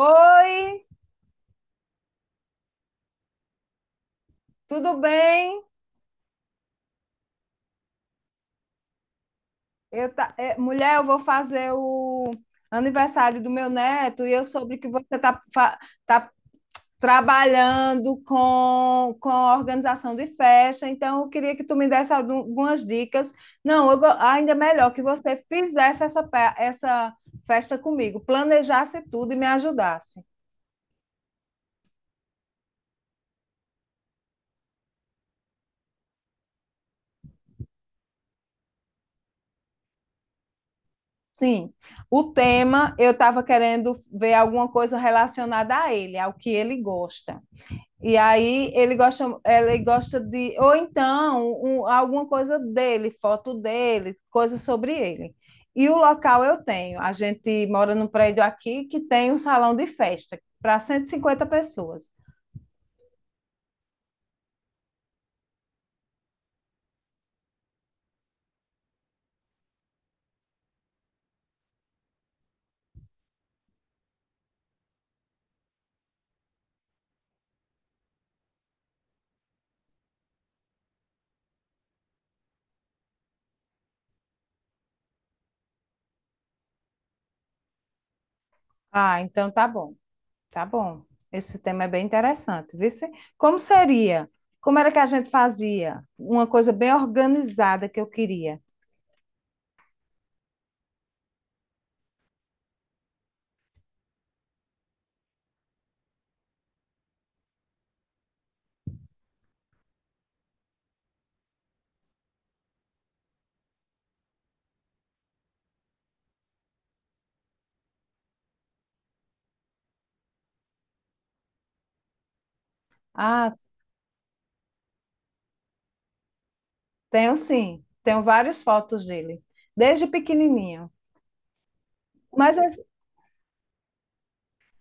Oi, tudo bem? Mulher, eu vou fazer o aniversário do meu neto e eu soube que você tá trabalhando com a organização de festa, então eu queria que tu me desse algumas dicas. Não, ainda é melhor que você fizesse essa festa comigo, planejasse tudo e me ajudasse. Sim, o tema eu estava querendo ver alguma coisa relacionada a ele, ao que ele gosta. E aí ele gosta de, ou então alguma coisa dele, foto dele, coisa sobre ele. E o local eu tenho. A gente mora num prédio aqui que tem um salão de festa para 150 pessoas. Ah, então tá bom, tá bom. Esse tema é bem interessante, viu? Sim? Como seria? Como era que a gente fazia? Uma coisa bem organizada que eu queria. Ah, tenho sim, tenho várias fotos dele, desde pequenininho. Mas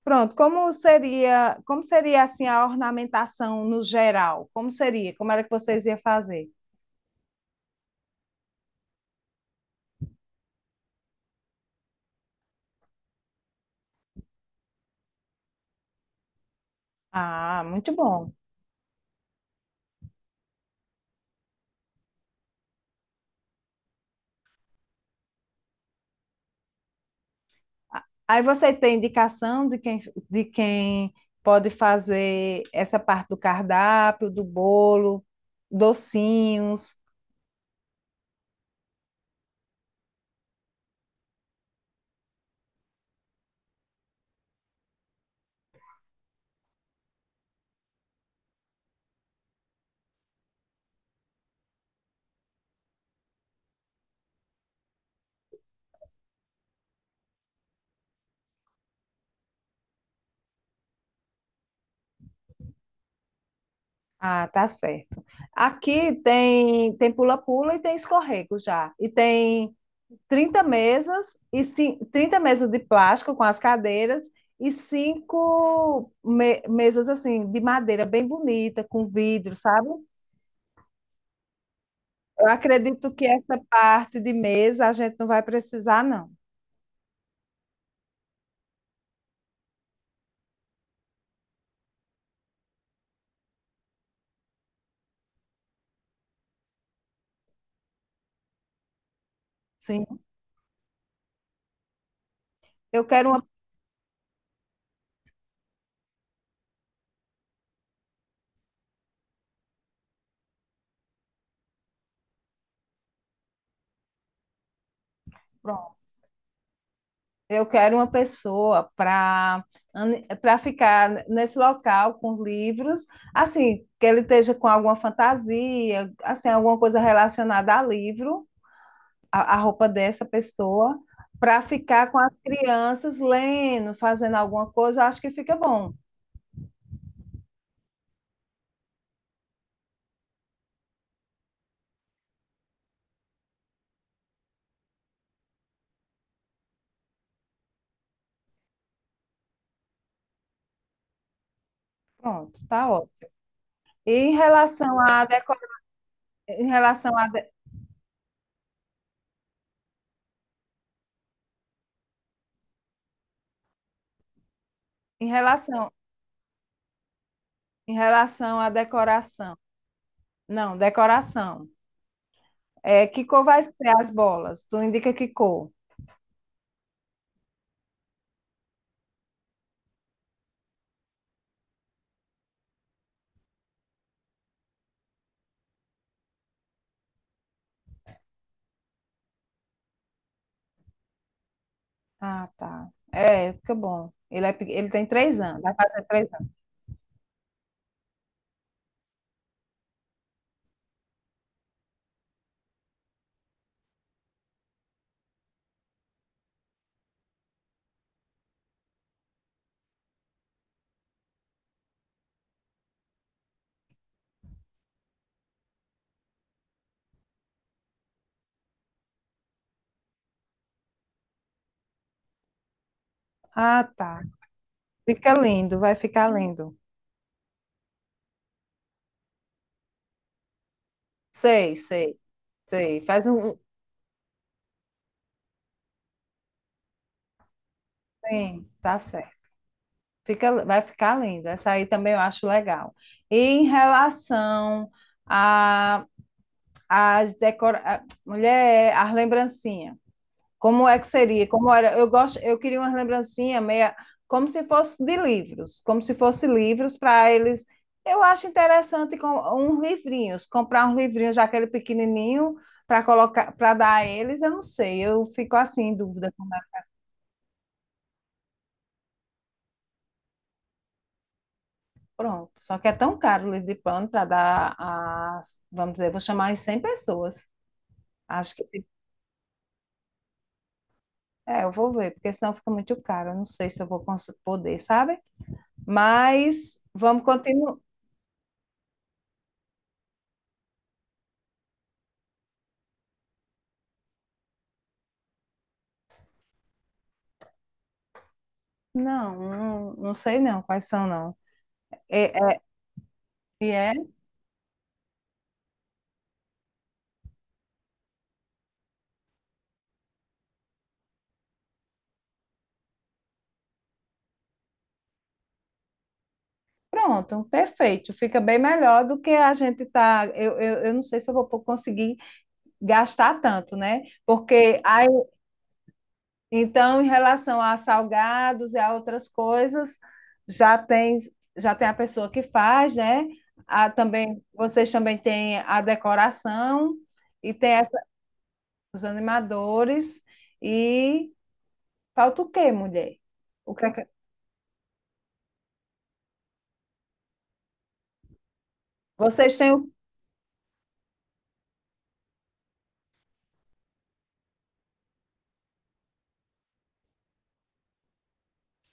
pronto, como seria assim a ornamentação no geral? Como seria? Como era que vocês iam fazer? Ah, muito bom. Aí você tem indicação de quem pode fazer essa parte do cardápio, do bolo, docinhos. Ah, tá certo. Aqui tem pula-pula e tem escorrego já. E tem 30 mesas e 30 mesas de plástico com as cadeiras e cinco mesas assim de madeira bem bonita, com vidro, sabe? Eu acredito que essa parte de mesa a gente não vai precisar, não. Sim. Eu quero uma, pronto. Eu quero uma pessoa para ficar nesse local com os livros, assim, que ele esteja com alguma fantasia, assim, alguma coisa relacionada a livro a roupa dessa pessoa para ficar com as crianças lendo, fazendo alguma coisa, eu acho que fica bom. Pronto, tá ótimo. E em relação à decora... em relação a... em relação Em relação à decoração. Não, decoração. É, que cor vai ser as bolas? Tu indica que cor? Ah, tá. É, fica bom. Ele, é, ele tem 3 anos, vai fazer 3 anos. Ah, tá. Fica lindo, vai ficar lindo. Sei, sei, sei. Faz um. Sim, tá certo. Vai ficar lindo. Essa aí também eu acho legal. E em relação a, as decora... a- mulher, as lembrancinhas. Como é que seria? Como era? Eu gosto, eu queria umas lembrancinhas meia como se fosse de livros, como se fosse livros para eles. Eu acho interessante com uns livrinhos, comprar uns livrinhos, já aquele pequenininho, para colocar, para dar a eles, eu não sei, eu fico assim em dúvida. Pronto. Só que é tão caro o livro de plano para dar as, vamos dizer, vou chamar as 100 pessoas. Acho que é, eu vou ver, porque senão fica muito caro. Eu não sei se eu vou poder, sabe? Mas vamos continuar. Não, não, não sei não quais são, não. É, é, e é, pronto, perfeito. Fica bem melhor do que a gente tá. Eu não sei se eu vou conseguir gastar tanto, né? Porque então, em relação a salgados e a outras coisas, já tem já tem a pessoa que faz, né? A, também vocês também têm a decoração e tem os animadores e falta o quê, mulher? O que é que- vocês têm o-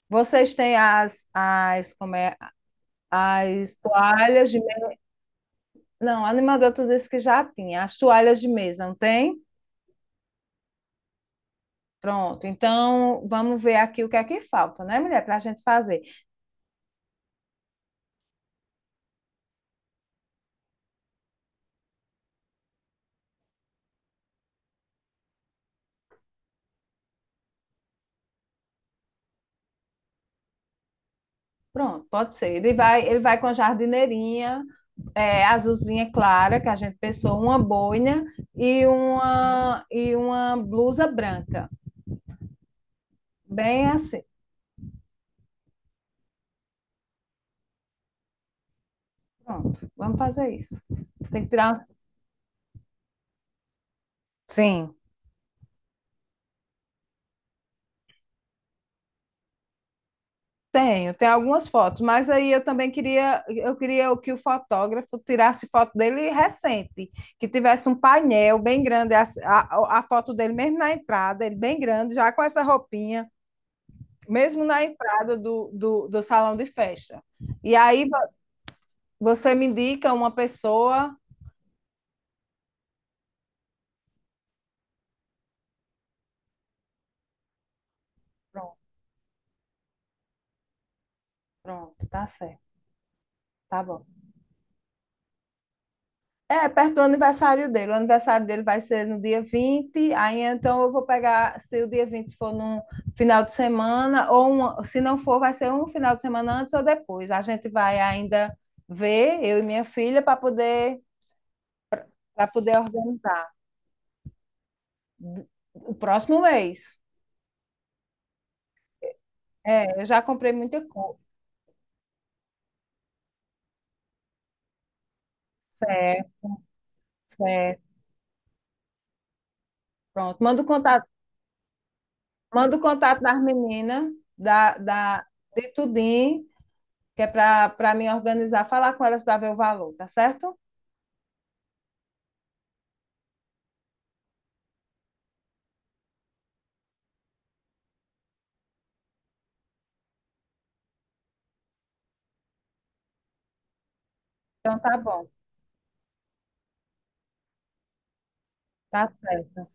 vocês têm as como é as toalhas de não, animador tu disse que já tinha as toalhas de mesa, não tem? Pronto. Então vamos ver aqui o que é que falta, né, mulher, para a gente fazer. Pronto, pode ser. Ele vai com a jardineirinha, é, azulzinha clara, que a gente pensou, uma boina e uma blusa branca. Bem assim. Pronto, vamos fazer isso. Tem que tirar. Sim. Tenho, tem algumas fotos, mas aí eu também queria, eu queria que o fotógrafo tirasse foto dele recente, que tivesse um painel bem grande, a foto dele mesmo na entrada, ele bem grande, já com essa roupinha mesmo na entrada do salão de festa. E aí você me indica uma pessoa. Pronto, pronto, tá certo, tá bom. É, perto do aniversário dele. O aniversário dele vai ser no dia 20, aí então eu vou pegar, se o dia 20 for num final de semana, ou uma, se não for, vai ser um final de semana antes ou depois. A gente vai ainda ver, eu e minha filha, para poder organizar. O próximo mês. É, eu já comprei muita coisa. Certo, certo. Pronto, manda o contato das meninas, da, da, de tudinho, que é para me organizar, falar com elas para ver o valor, tá certo? Então tá bom, tá certo,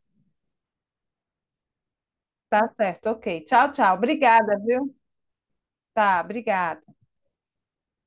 tá certo, ok. Tchau, tchau. Obrigada, viu? Tá, obrigada.